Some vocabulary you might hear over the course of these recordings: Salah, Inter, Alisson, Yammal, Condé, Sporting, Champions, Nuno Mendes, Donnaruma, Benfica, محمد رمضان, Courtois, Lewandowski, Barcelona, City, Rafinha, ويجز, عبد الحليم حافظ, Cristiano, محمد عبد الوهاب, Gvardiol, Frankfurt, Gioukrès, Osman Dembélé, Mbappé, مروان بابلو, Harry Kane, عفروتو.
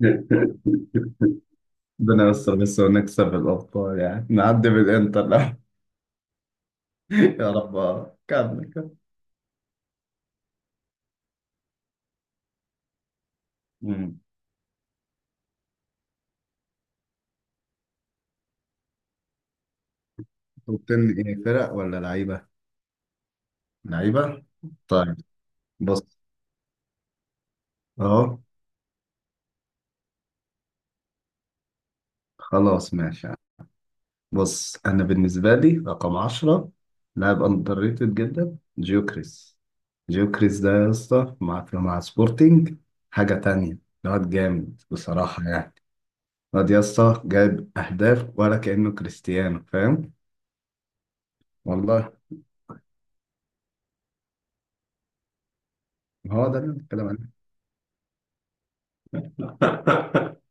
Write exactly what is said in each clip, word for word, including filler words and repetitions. ربنا يستر بس ونكسب الأبطال، يعني نعدي بالإنتر لا. يا رب. آه. كمل كمل. مم. توب عشرة إيه، فرق ولا لعيبة؟ لعيبة؟ طيب، بص. أهو، خلاص ماشي يعني. بص، أنا بالنسبة لي رقم عشرة لاعب أندر ريتد جدا جيوكريس. جيوكريس ده يا اسطى مع مع سبورتينج حاجة تانية. الواد جامد بصراحة يعني، الواد يا اسطى جايب أهداف ولا كأنه كريستيانو، فاهم؟ والله. ما هو ده اللي بنتكلم عليه.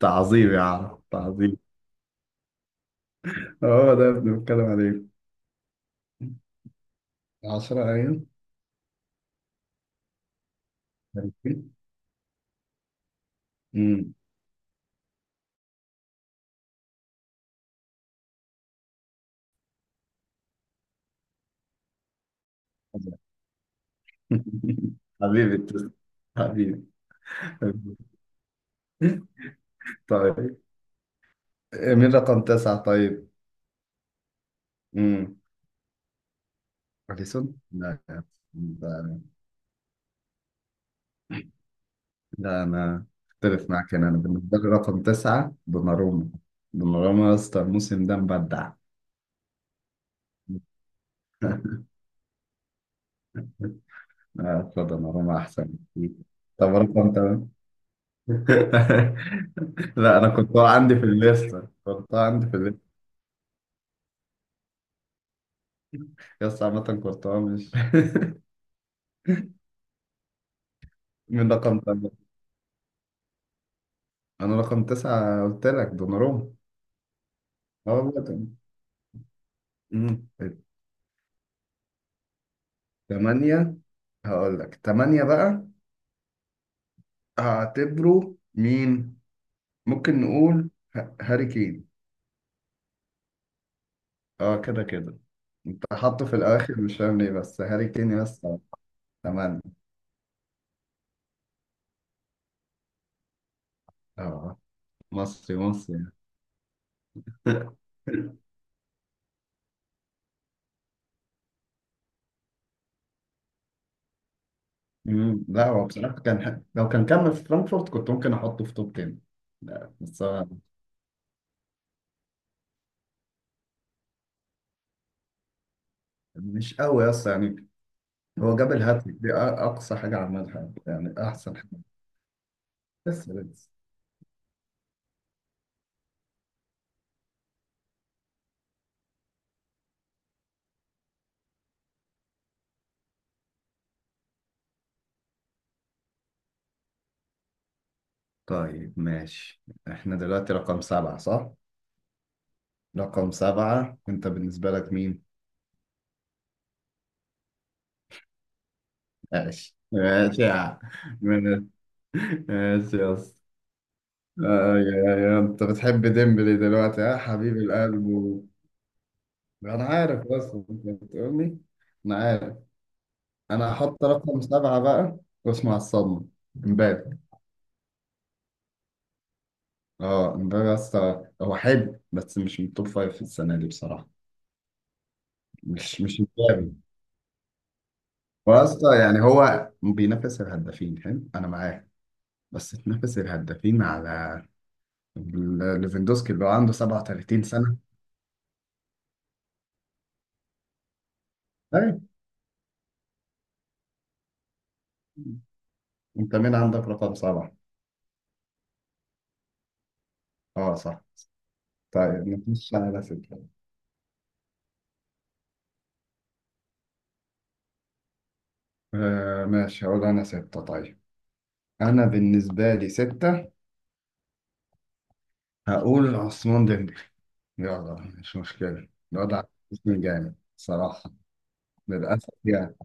تعظيم يا عم، تعظيم. هو ده اللي بنتكلم عليه. عشر أيام. امم حبيبي تسلم، حبيبي. حبيبي. طيب، مين رقم تسعة طيب؟ امم أليسون، لا يا- لا، لا انا اختلف معاك هنا. انا بالنسبه لي رقم تسعه دوناروما. دوناروما يا اسطى الموسم ده مبدع. آه، دوناروما احسن بكتير. طب رقم ثمانيه. لا، انا كورتوا عندي في الليسته، كورتوا عندي في الليسته يس عامه كورتوا مش. من رقم تمانية، انا رقم تسعة قلت لك دوناروما. اه والله تم- أمم. التمانية، هقول لك تمانية بقى. هعتبره مين؟ ممكن نقول ه- هاري كين. اه، كده كده انت حاطه في الاخر، مش فاهم ليه، بس هاري كين يس. تمانية، اه. مصري مصري. مم. لا هو بصراحة كان ح- لو كان كمل في فرانكفورت كنت ممكن أحطه في توب عشرة. لا بس هو مش قوي أصلا يعني. هو جاب الهاتريك دي، أ- أقصى حاجة عملها يعني، أحسن حاجة. بس بس طيب ماشي، إحنا دلوقتي رقم سبعة صح؟ رقم سبعة أنت بالنسبة لك مين؟ ماشي ماشي يا عم. ماشي يا اسطى. آه يا يا أنت بتحب ديمبلي دلوقتي يا حبيب القلب و... أنا عارف أصلا أنت بتقولي. أنا عارف. انا هحط رقم سبعة بقى، واسمع الصدمة، امبابي. اه امبابي اصلا هو حلو بس مش من التوب فايف في السنة دي بصراحة. مش مش امبابي. واصلا يعني هو بينافس الهدافين، حلو، انا معاه. بس تنافس الهدافين على ال- ليفاندوسكي اللي هو عنده سبعة وتلاتين سنة. طيب انت مين عندك رقم سبعة؟ اه صح. طيب نخش على ستة. آه ماشي، هقول انا ستة طيب. انا بالنسبة لي ستة هقول عثمان ديمبلي، يلا، مش مشكلة. الوضع موسم جامد صراحة. للأسف يعني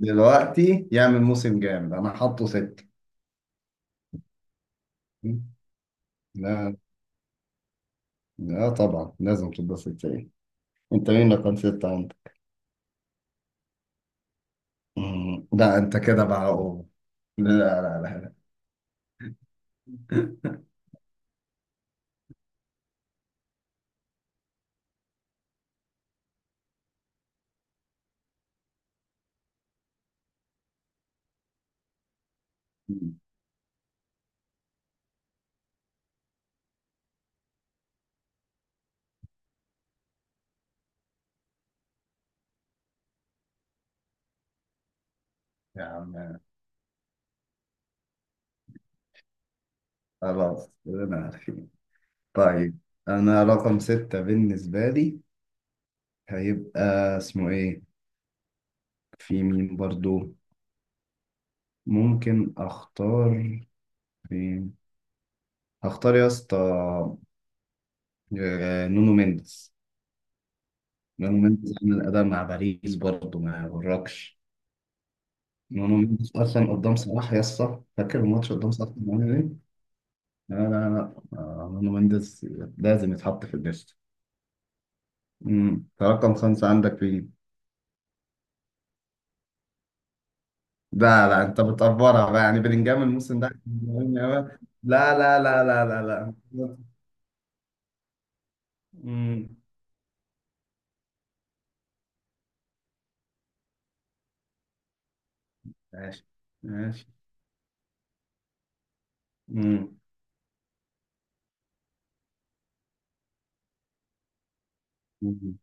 دلوقتي يعمل موسم جامد، أنا حاطه ستة. لا لا طبعا لازم تبقى ستة إيه. أنت مين اللي كان ستة أنت؟ مم. لا أنت كده بقى، أوه. لا لا لا لا. مم. يا عم خلاص أنا عارفين. طيب أنا رقم ستة بالنسبة لي هيبقى اسمه إيه؟ في مين برضو؟ ممكن أختار مين؟ هختار يا اسطى آه، نونو مينديز. نونو مينديز عمل أداء مع باريس برضه، ما يغركش. نونو مينديز أصلا قدام صلاح يا اسطى، فاكر الماتش قدام صلاح كان عامل إيه؟ لا لا لا. آه، نونو مينديز لازم يتحط في الليست. امم، رقم خمسة عندك في. لا لا أنت بتقفرها بقى يعني، بلينجهام الموسم ده مهم أوي. لا لا لا لا لا لا. امم، ماشي. ماشي، امم. أمم.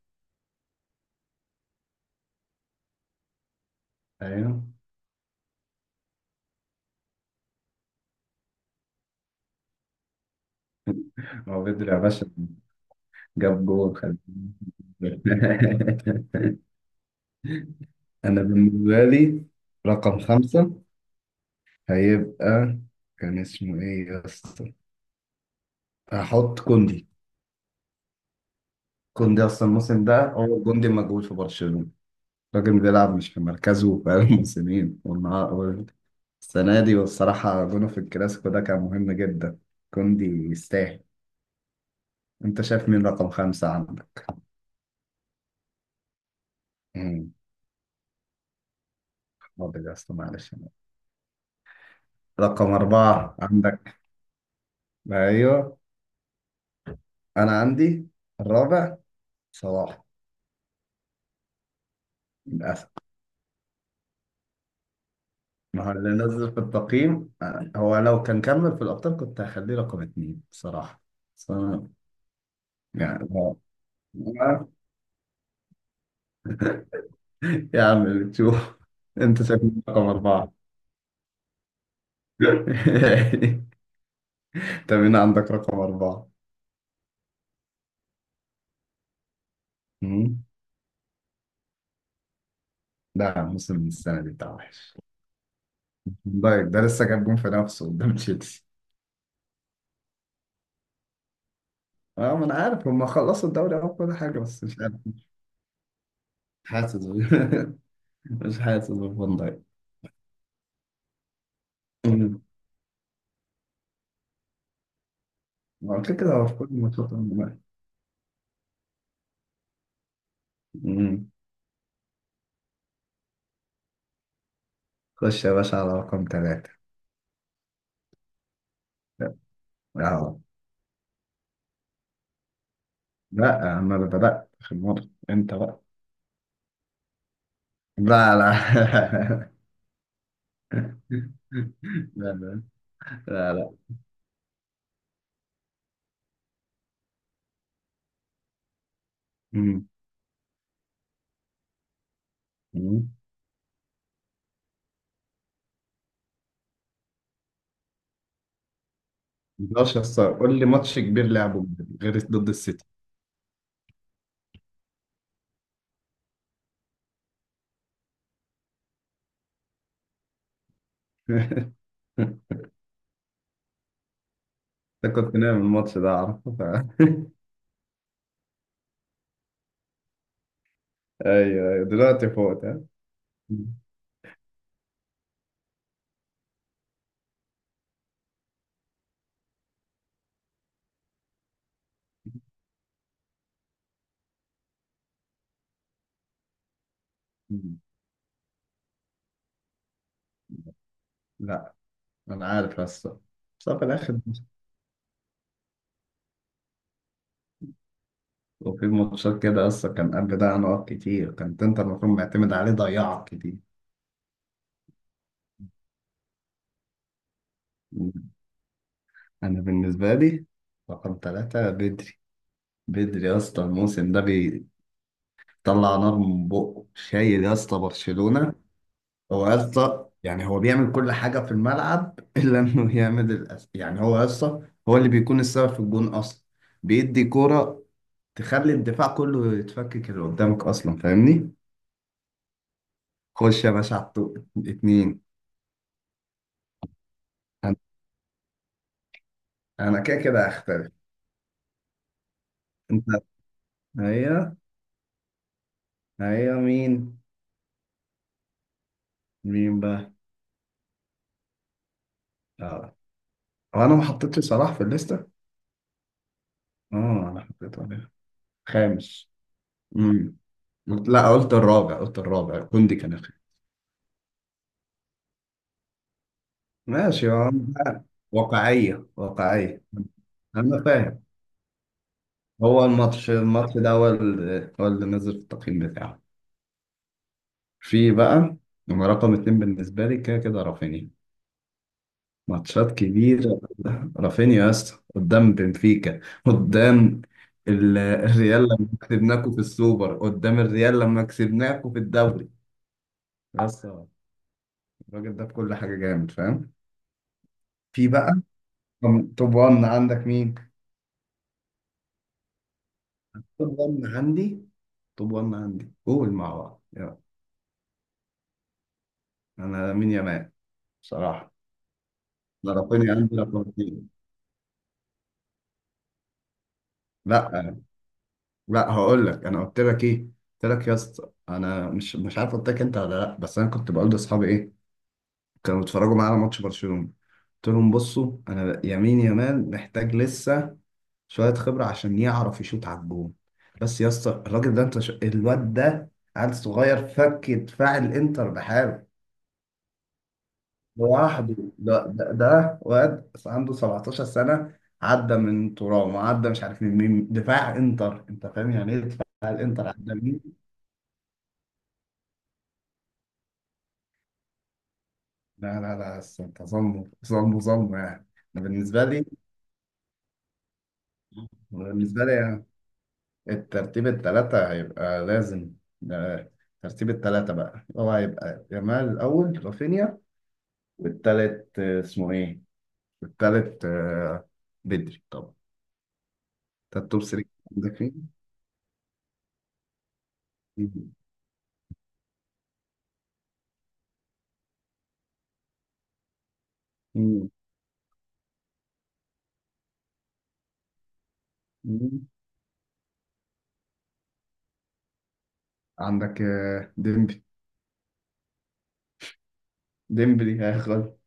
أيوه. هو بدري يا باشا، جاب جول خد. انا بالنسبه لي رقم خمسة هيبقى، كان اسمه ايه يا اسطى؟ هحط كوندي. كوندي اصلا الموسم ده، هو كوندي موجود في برشلونة، الراجل بيلعب مش في مركزه بقاله موسمين. والنهار السنة دي، والصراحة جونه في الكلاسيكو ده كان مهم جدا. كوندي يستاهل. انت شايف مين رقم خمسة عندك؟ مم، حاضر يا اسطى، معلش. رقم أربعة عندك. ايوه انا عندي الرابع صلاح، للأسف. ما هو اللي نزل في التقييم. آه، هو لو كان كمل في الأبطال كنت هخليه رقم اتنين بصراحة. بس أنا- يعني هو، هو- يا عم اللي تشوف. أنت شايفني رقم أربعة. طب هنا عندك رقم أربعة. مم. لا، موسم السنة دي بتاع وحش. دايك ده لسه جاب جون في نفسه قدام تشيلسي. اه ما انا عارف هم خلصوا الدوري او كل حاجه، بس مش عارف، مش حاسس ب- مش حاسس بفان دايك. مم. هو كده كده هو في كل ماتشات. خش يا باشا على رقم ثلاثة. اه. لا انا اللي بدأت في الموضوع، انت بقى. لا لا. لا لا لا لا. مم. مم. مقدرش يا اسطى، قول لي ماتش كبير لعبه غير ضد السيتي. انت كنت نايم الماتش ده اعرفه ف... ايوه ايوه دلوقتي فوت ها. مم. مم. لا انا عارف اصلا. بس هو في الاخر، وفي ماتشات كده اصلا كان قبل ده نقط كتير كانت انت المفروض معتمد عليه، ضيعك كتير. انا بالنسبه لي رقم ثلاثة بدري. بدري يا اسطى الموسم ده بيطلع نار من بقه، شايل يا اسطى برشلونه. هو يا اسطى يعني هو بيعمل كل حاجه في الملعب الا انه يعمل الأس... يعني هو يا اسطى هو اللي بيكون السبب في الجون اصلا، بيدي كوره تخلي الدفاع كله يتفكك اللي قدامك اصلا، فاهمني. خش يا باشا على الطوق اتنين. انا أنا كده كده هختلف. انت، هي، هي مين؟ مين بقى؟ اه. هو انا ما حطيتش صلاح في الليسته. اه انا حطيت عليها خامس. امم. لا قلت الرابع، قلت الرابع، كوندي كان الخامس. ماشي يا عم. واقعية، واقعية. أنا فاهم. هو الماتش، الماتش ده هو اللي هو اللي نزل في التقييم بتاعه. في بقى، هو رقم اتنين بالنسبة لي كده كده رافينيا. ماتشات كبيرة، رافينيا يا اسطى قدام بنفيكا، قدام ال- الريال لما كسبناكوا في السوبر، قدام الريال لما كسبناكوا في الدوري. بس الراجل ده في كل حاجة جامد، فاهم. في بقى، توب وان عندك مين؟ توب وان عندي، توب وان عندي، قول مع بعض يلا. انا مين يا مان بصراحة؟ لا رافينيا عندي، لا فلورتين. لا لا، هقول لك انا قلت لك ايه. قلت لك يا اسطى انا مش مش عارف قلت لك انت ولا لا، بس انا كنت بقول لاصحابي ايه كانوا بيتفرجوا معايا على ماتش برشلونة، قلت لهم بصوا انا يمين يامال محتاج لسه شوية خبرة عشان يعرف يشوط على الجون. بس يا اسطى الراجل ده، انت ش... الواد ده عيل صغير فك دفاع الانتر بحاله لوحده. ده, ده, ده واد عنده سبعتاشر سنة، عدى من ترام، وعدى مش عارف من مين، دفاع انتر، انت فاهم يعني ايه دفاع الانتر عدى مين؟ لا لا لا، بس انت ظلمه، ظلمه، ظلمه يعني. أنا بالنسبة لي، بالنسبة لي يعني الترتيب الثلاثة هيبقى لازم ده. ترتيب الثلاثة بقى هو هيبقى يامال الأول، رافينيا، والتالت آه، اسمه ايه؟ والتالت آه، بدري طبعا. ده التوب تري عندك مين؟ مين مين مين؟ عندك آه، ديمبلي. ديمبلي هياخد.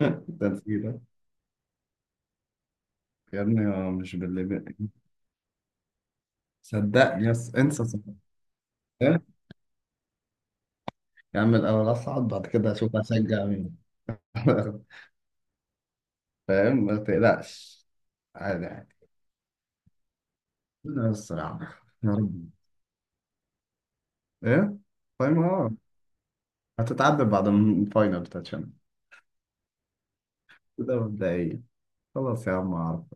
ده نسيته. يا ابني هو مش باللي، صدقني يس، انسى صدقني. إيه؟ يا عم الاول اصعد، بعد كده اشوف اشجع مين. فاهم، ما تقلقش، عادي عادي. لا الصراحة يا رب. ايه؟ فاهم، اه. هتتعدل بعد الفاينل بتاع الشامبيونز، ده مبدئيا. خلاص يا عم.